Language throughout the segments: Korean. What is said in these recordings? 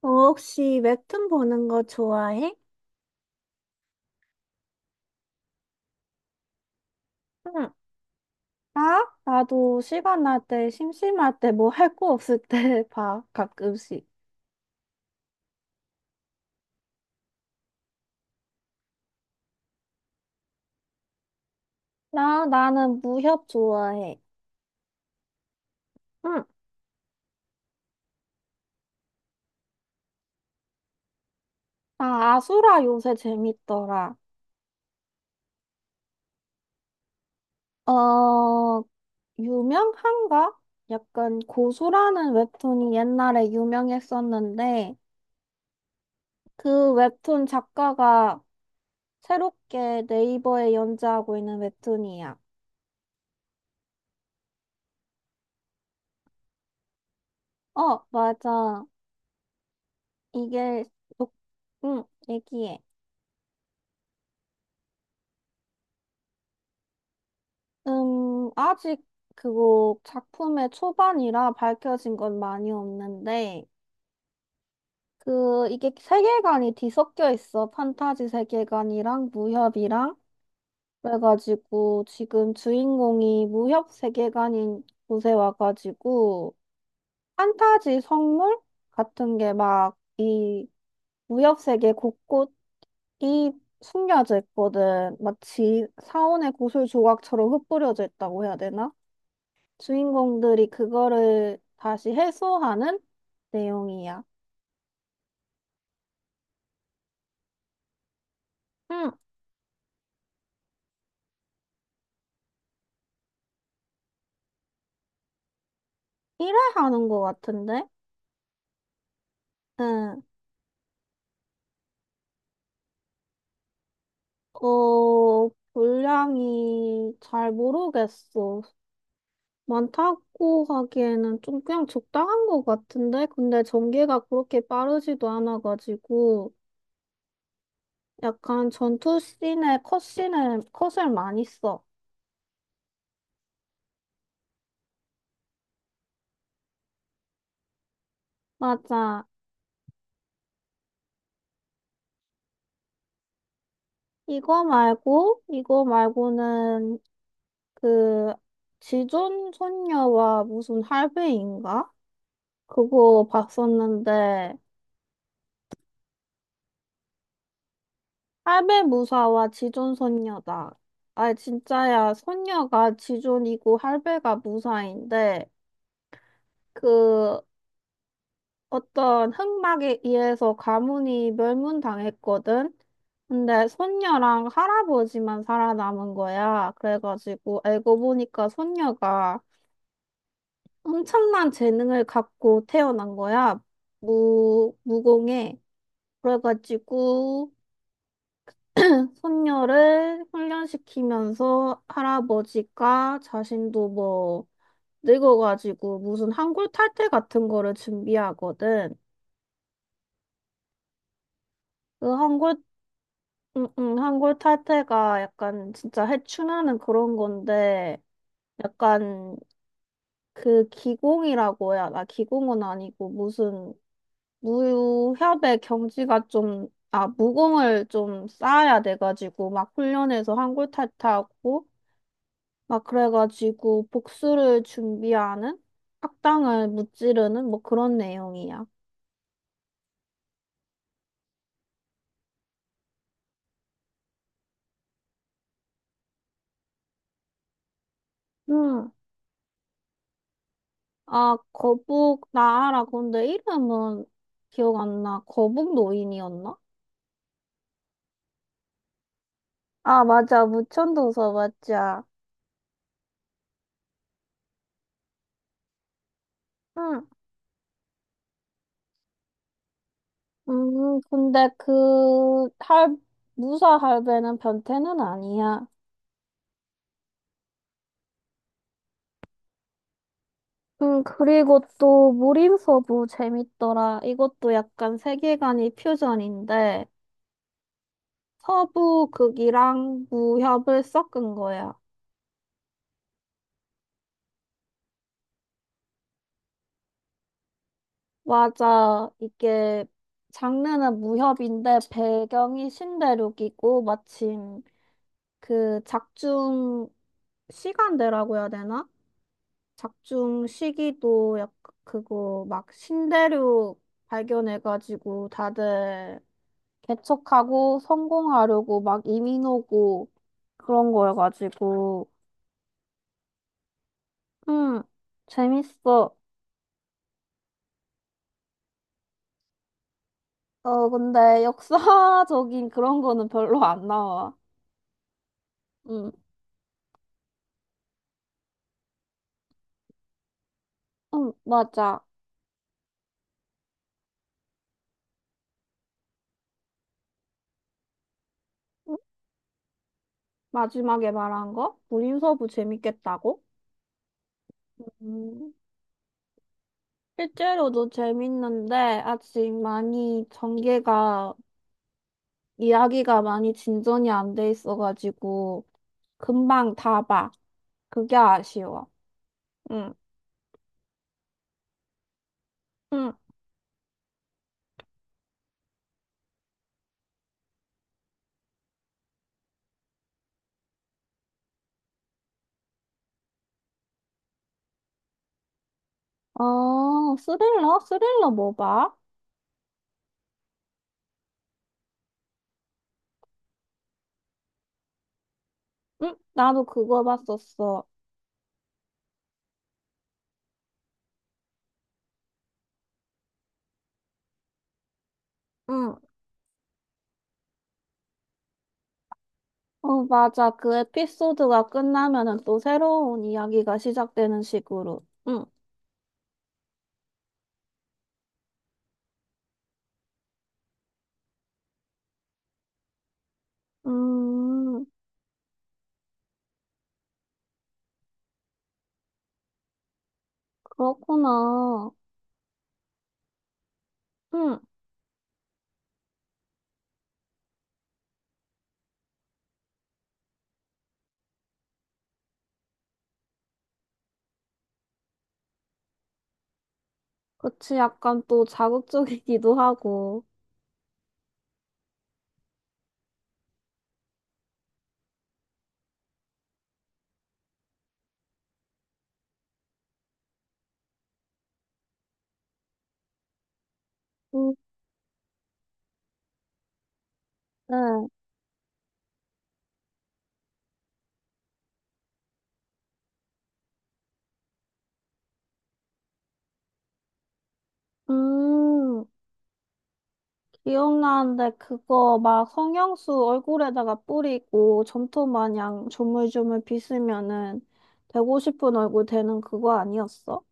너 혹시 웹툰 보는 거 좋아해? 응, 나? 나도 시간 날 때, 심심할 때, 뭐 할 거 없을 때 봐, 가끔씩. 나는 무협 좋아해. 응, 나 아수라 요새 재밌더라. 어, 유명한가? 약간 고수라는 웹툰이 옛날에 유명했었는데, 그 웹툰 작가가 새롭게 네이버에 연재하고 있는 웹툰이야. 어, 맞아. 이게 녹, 얘기해. 아직 그거 작품의 초반이라 밝혀진 건 많이 없는데, 그, 이게 세계관이 뒤섞여 있어. 판타지 세계관이랑 무협이랑. 그래가지고 지금 주인공이 무협 세계관인 곳에 와가지고, 판타지 선물 같은 게 막 이 무협 세계 곳곳이 숨겨져 있거든. 마치 사원의 구슬 조각처럼 흩뿌려져 있다고 해야 되나? 주인공들이 그거를 다시 해소하는 내용이야. 응, 1회 하는 것 같은데? 응, 어, 분량이 잘 모르겠어. 많다고 하기에는 좀 그냥 적당한 것 같은데? 근데 전개가 그렇게 빠르지도 않아가지고 약간 전투 씬에 컷씬에 컷을 많이 써. 맞아. 이거 말고는 그 지존 손녀와 무슨 할배인가? 그거 봤었는데 할배 무사와 지존 손녀다. 아, 진짜야. 손녀가 지존이고 할배가 무사인데 그 어떤 흑막에 의해서 가문이 멸문당했거든. 근데 손녀랑 할아버지만 살아남은 거야. 그래가지고 알고 보니까 손녀가 엄청난 재능을 갖고 태어난 거야. 무공해. 그래가지고 손녀를 훈련시키면서 할아버지가 자신도 뭐 늙어가지고 무슨 한골 탈태 같은 거를 준비하거든. 그 응, 응, 한골 탈퇴가 약간 진짜 해충하는 그런 건데, 약간 그 기공이라고 해야, 나 기공은 아니고 무슨 무협의 경지가 좀, 아, 무공을 좀 쌓아야 돼가지고, 막 훈련해서 한골 탈퇴하고, 막 그래가지고 복수를 준비하는 악당을 무찌르는 뭐 그런 내용이야. 응. 아, 거북 나아라. 근데 이름은 기억 안 나. 거북 노인이었나? 아, 맞아. 무천도서 맞아. 응. 근데 그, 무사 할배는 변태는 아니야. 그리고 또 무림서부 재밌더라. 이것도 약간 세계관이 퓨전인데, 서부 극이랑 무협을 섞은 거야. 맞아. 이게, 장르는 무협인데, 배경이 신대륙이고, 마침 그 작중 시간대라고 해야 되나? 작중 시기도 약 그거 막 신대륙 발견해가지고 다들 개척하고 성공하려고 막 이민 오고 그런 거여가지고 음 재밌어. 어, 근데 역사적인 그런 거는 별로 안 나와. 음, 맞아. 음, 마지막에 말한 거? 무인서부 재밌겠다고? 음, 실제로도 재밌는데 아직 많이 전개가 이야기가 많이 진전이 안 돼 있어가지고 금방 다 봐. 그게 아쉬워. 응. 응. 어, 스릴러? 스릴러 뭐 봐? 응? 나도 그거 봤었어. 응. 어, 맞아. 그 에피소드가 끝나면은 또 새로운 이야기가 시작되는 식으로. 응. 음, 그렇구나. 응. 그치, 약간 또 자극적이기도 하고. 응. 응. 음. 기억나는데 그거 막 성형수 얼굴에다가 뿌리고 점토 마냥 조물조물 빗으면은 되고 싶은 얼굴 되는 그거 아니었어?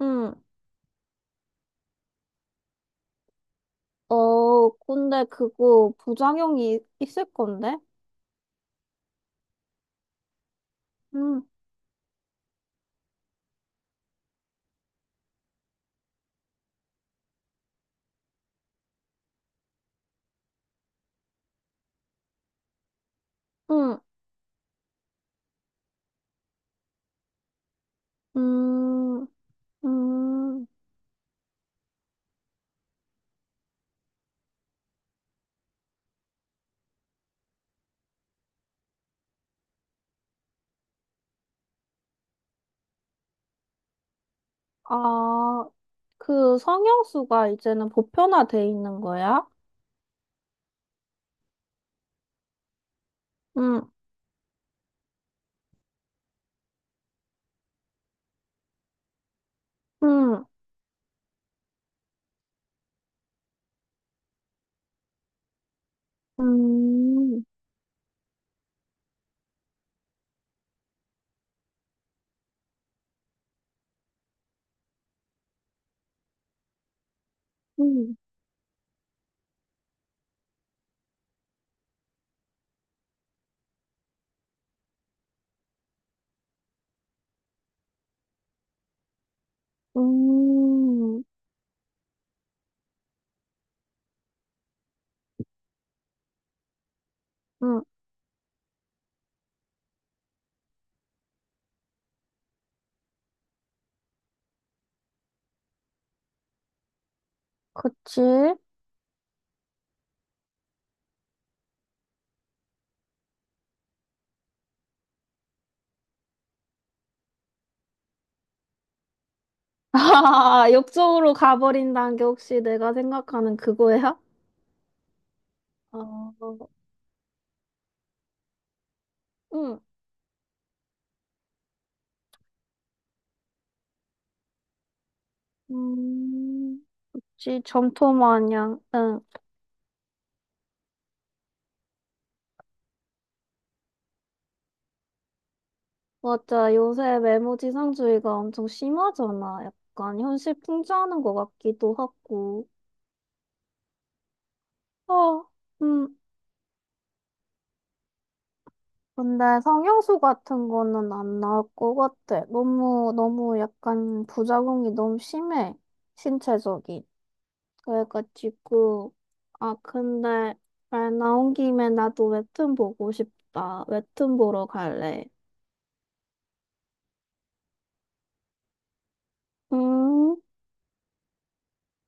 응. 어, 근데 그거 부작용이 있을 건데? 응, 응, 음, 음. 아, 그 성형수가 이제는 보편화돼 있는 거야? 응, 응, 음, 음, 음, 음, 음, 그치? 아, 옆쪽으로 가버린다는 게 혹시 내가 생각하는 그거야? 어, 응. 음, 혹시 점토 마냥, 응. 맞아. 요새 메모지상주의가 엄청 심하잖아. 약간 현실 풍자하는 것 같기도 하고. 어, 음. 근데 성형수 같은 거는 안 나올 것 같아. 너무, 너무 약간 부작용이 너무 심해. 신체적인. 그래가지고, 아, 근데 말 나온 김에 나도 웹툰 보고 싶다. 웹툰 보러 갈래. 음.